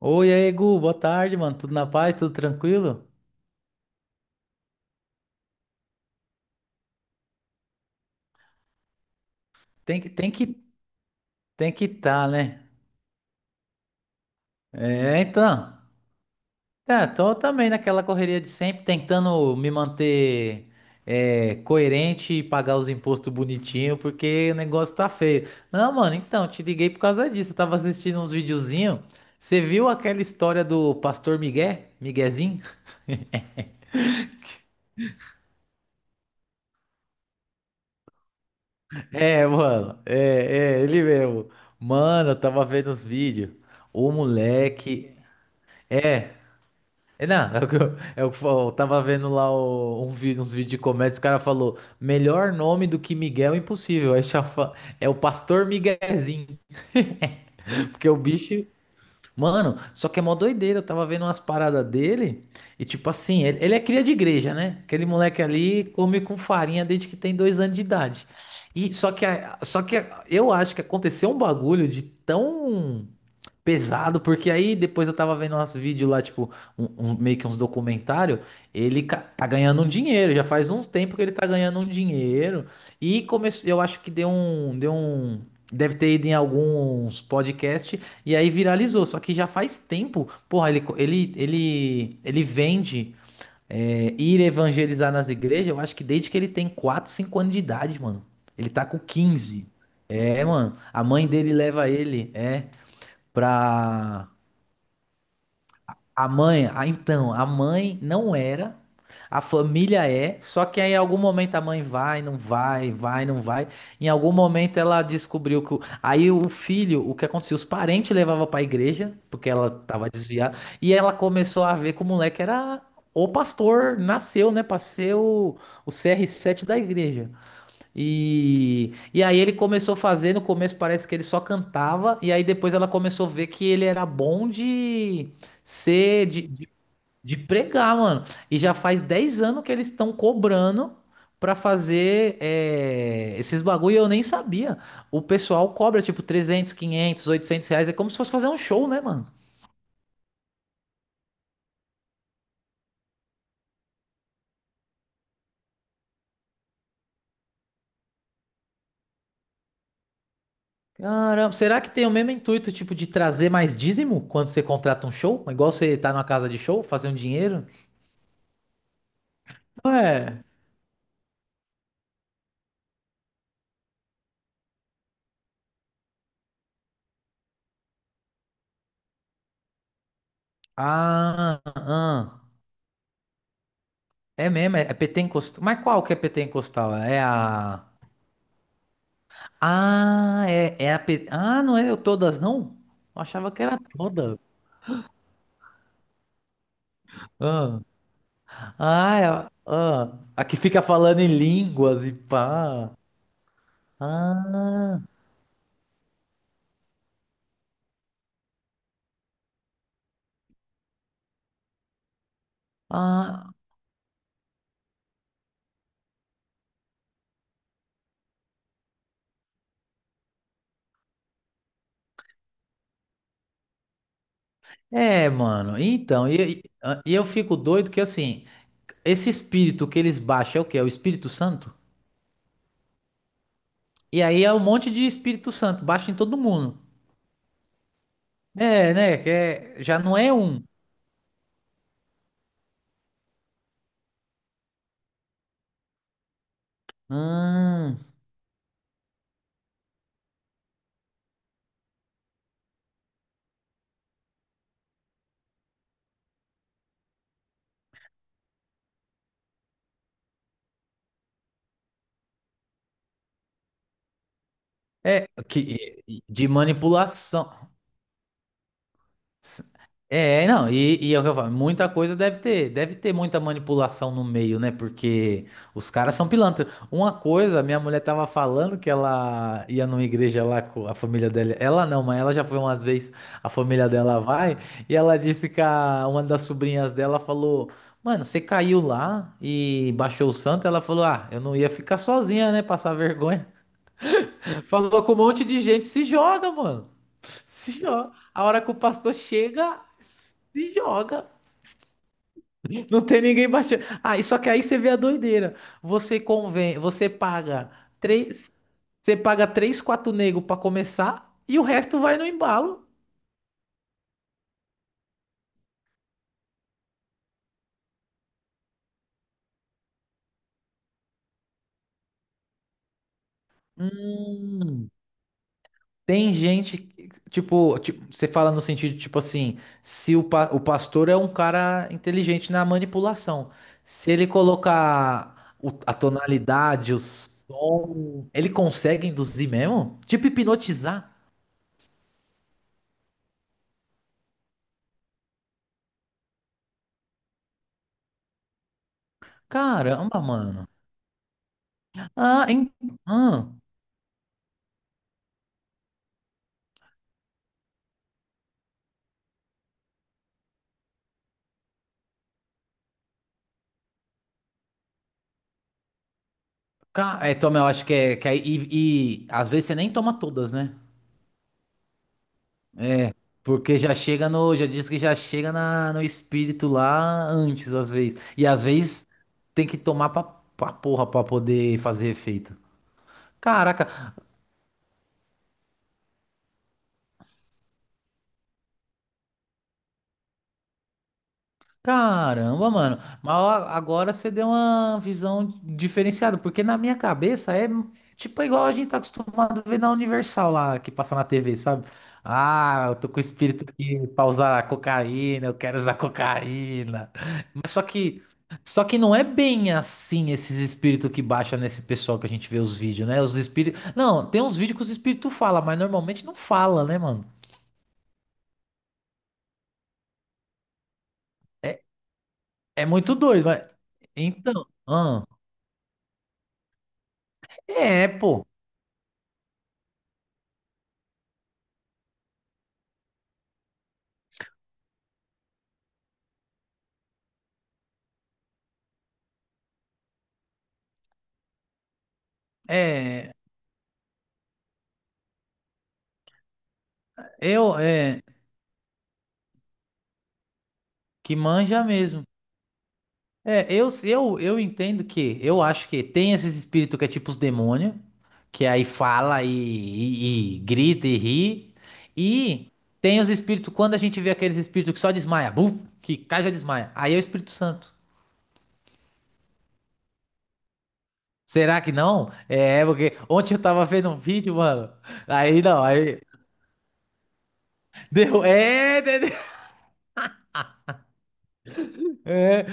Oi, aí, Gu, boa tarde, mano. Tudo na paz, tudo tranquilo? Tem que, tem que, Tem que tá, né? É, então. Tô também naquela correria de sempre, tentando me manter coerente e pagar os impostos bonitinho, porque o negócio tá feio. Não, mano, então, te liguei por causa disso. Eu tava assistindo uns videozinhos. Você viu aquela história do Pastor Miguel? Miguezinho? É, mano, ele mesmo. Mano, eu tava vendo os vídeos. O moleque. É. É, não, eu tava vendo lá um vídeo, uns vídeos de comédia, o cara falou, melhor nome do que Miguel é impossível, é o Pastor Miguezinho, porque o bicho, mano, só que é mó doideira, eu tava vendo umas paradas dele, e tipo assim, ele é cria de igreja, né? Aquele moleque ali come com farinha desde que tem 2 anos de idade, e só que, só que eu acho que aconteceu um bagulho de tão pesado, porque aí depois eu tava vendo uns vídeos lá, tipo, meio que uns documentários, tá ganhando um dinheiro, já faz uns tempos que ele tá ganhando um dinheiro, e começou, eu acho que deu um, deve ter ido em alguns podcasts, e aí viralizou, só que já faz tempo, porra, ele, co- ele vende, é, ir evangelizar nas igrejas, eu acho que desde que ele tem 4, 5 anos de idade, mano, ele tá com 15. É, mano, a mãe dele leva ele, é. Pra a mãe, ah, então, a mãe não era, a família é, só que aí em algum momento a mãe vai, não vai, vai, não vai. Em algum momento ela descobriu que aí o filho, o que acontecia? Os parentes levavam pra igreja, porque ela tava desviada, e ela começou a ver que o moleque era o pastor, nasceu, né, pra ser o CR7 da igreja. E aí ele começou a fazer, no começo parece que ele só cantava, e aí depois ela começou a ver que ele era bom de ser, de, de, de pregar, mano. E já faz 10 anos que eles estão cobrando pra fazer esses bagulho, e eu nem sabia. O pessoal cobra tipo 300, 500, 800 reais, é como se fosse fazer um show, né, mano? Caramba, será que tem o mesmo intuito, tipo, de trazer mais dízimo quando você contrata um show? Igual você tá numa casa de show, fazer um dinheiro? Ué. Ah, ah. É mesmo, é PT encostal. Mas qual que é PT encostal? É a. Ah, é, é a. Ah, não é eu todas, não? Eu achava que era toda. Ah, ah, é a ah. A que fica falando em línguas e pá. Ah, ah. É, mano. Então, e eu fico doido que assim, esse espírito que eles baixam é o quê? É o Espírito Santo? E aí é um monte de Espírito Santo, baixa em todo mundo. É, né? Que é- já não é um. Hum, é que de manipulação. É, não, e é o que eu falo, muita coisa deve ter muita manipulação no meio, né? Porque os caras são pilantras. Uma coisa, minha mulher tava falando que ela ia numa igreja lá com a família dela. Ela não, mas ela já foi umas vezes, a família dela vai, e ela disse que uma das sobrinhas dela falou: Mano, você caiu lá e baixou o santo? Ela falou: Ah, eu não ia ficar sozinha, né? Passar vergonha. Falou com um monte de gente, se joga, mano. Se joga. A hora que o pastor chega, se joga. Não tem ninguém baixando. Ah, e só que aí você vê a doideira. Você convém, você paga três, Você paga três, quatro nego pra começar e o resto vai no embalo. Hum. Tem gente, que- tipo, você fala no sentido, tipo assim, se o pastor é um cara inteligente na manipulação, se ele colocar a tonalidade, o som, ele consegue induzir mesmo? Tipo hipnotizar? Caramba, mano. Ah, em ah, é, toma, eu acho que é- e às vezes você nem toma todas, né? Porque já chega no, já diz que já chega na, no espírito lá antes, às vezes. E às vezes tem que tomar pra, pra porra pra poder fazer efeito. Caraca, caramba, mano. Mas ó, agora você deu uma visão diferenciada, porque na minha cabeça é tipo igual a gente tá acostumado a ver na Universal lá, que passa na TV, sabe? Ah, eu tô com o espírito aqui pra usar cocaína, eu quero usar cocaína. Mas só que, só que não é bem assim esses espíritos que baixa nesse pessoal que a gente vê os vídeos, né? Os espíritos. Não, tem uns vídeos que os espíritos falam, mas normalmente não fala, né, mano? É é muito doido, mas. Então, ah, é, pô. É, eu, é, que manja mesmo. É, eu entendo que, eu acho que tem esses espíritos que é tipo os demônios, que aí fala e grita e ri, e tem os espíritos, quando a gente vê aqueles espíritos que só desmaia, buf, que cai e já desmaia, aí é o Espírito Santo. Será que não? É, porque ontem eu tava vendo um vídeo, mano, aí não, aí, deu, é, é,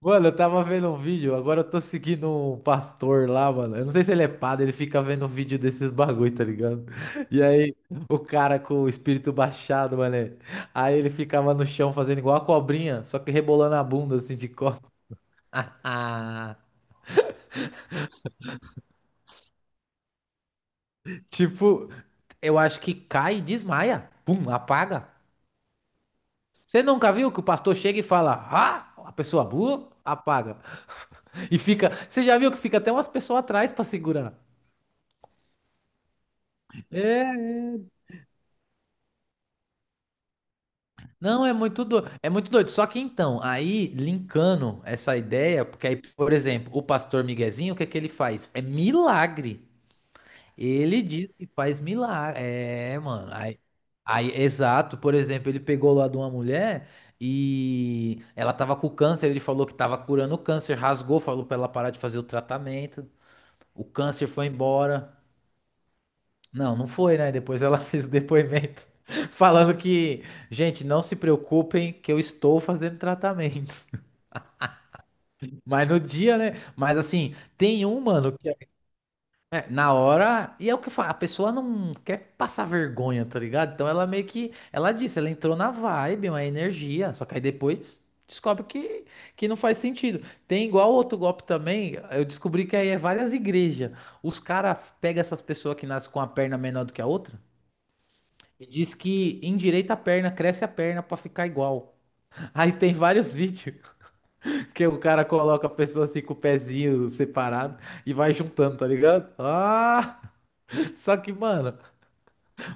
mano, eu tava vendo um vídeo, agora eu tô seguindo um pastor lá, mano. Eu não sei se ele é padre, ele fica vendo um vídeo desses bagulho, tá ligado? E aí, o cara com o espírito baixado, mano. É. Aí ele ficava no chão fazendo igual a cobrinha, só que rebolando a bunda assim de costas. Tipo, eu acho que cai e desmaia. Pum, apaga. Você nunca viu que o pastor chega e fala, ah, a pessoa burra, apaga. E fica, você já viu que fica até umas pessoas atrás pra segurar. É. Não, é muito doido, é muito doido. Só que então, aí linkando essa ideia, porque aí, por exemplo, o pastor Miguezinho, o que é que ele faz? É milagre. Ele diz que faz milagre. É, mano. Exato. Por exemplo, ele pegou lá de uma mulher e ela tava com câncer, ele falou que tava curando o câncer, rasgou, falou pra ela parar de fazer o tratamento. O câncer foi embora. Não, não foi, né? Depois ela fez o depoimento falando que, gente, não se preocupem que eu estou fazendo tratamento. Mas no dia, né? Mas assim, tem um, mano, que é, na hora, e é o que eu falo, a pessoa não quer passar vergonha, tá ligado? Então ela meio que, ela disse, ela entrou na vibe, uma energia, só que aí depois descobre que não faz sentido. Tem igual outro golpe também, eu descobri que aí é várias igrejas. Os caras pegam essas pessoas que nascem com a perna menor do que a outra. E diz que endireita a perna, cresce a perna pra ficar igual. Aí tem vários vídeos que o cara coloca a pessoa assim com o pezinho separado e vai juntando, tá ligado? Ah! Só que, mano,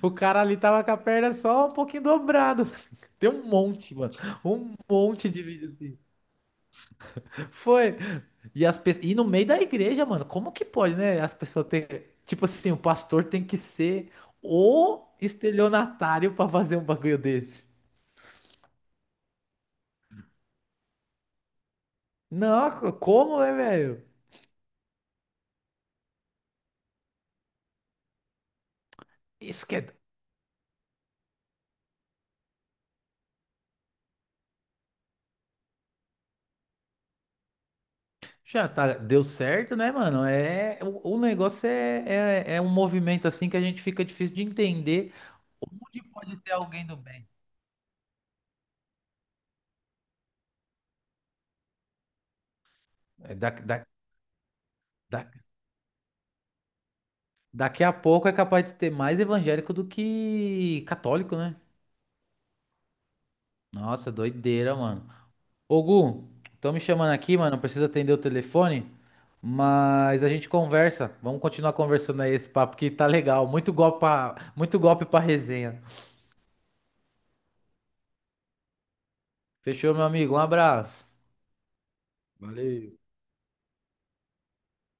o cara ali tava com a perna só um pouquinho dobrada. Tem um monte, mano. Um monte de vídeo assim. Foi. E, as pe... e no meio da igreja, mano, como que pode, né? As pessoas têm. Tipo assim, o pastor tem que ser o estelionatário pra fazer um bagulho desse. Não, como é, velho? Isso que é... Já tá, deu certo, né, mano? É, o negócio é um movimento assim que a gente fica difícil de entender onde pode ter alguém do bem. É, da- daqui a pouco é capaz de ter mais evangélico do que católico, né? Nossa, doideira, mano. Ô, Gu, estão me chamando aqui, mano. Precisa atender o telefone, mas a gente conversa. Vamos continuar conversando aí esse papo que tá legal. Muito golpe pra resenha. Fechou, meu amigo. Um abraço. Valeu.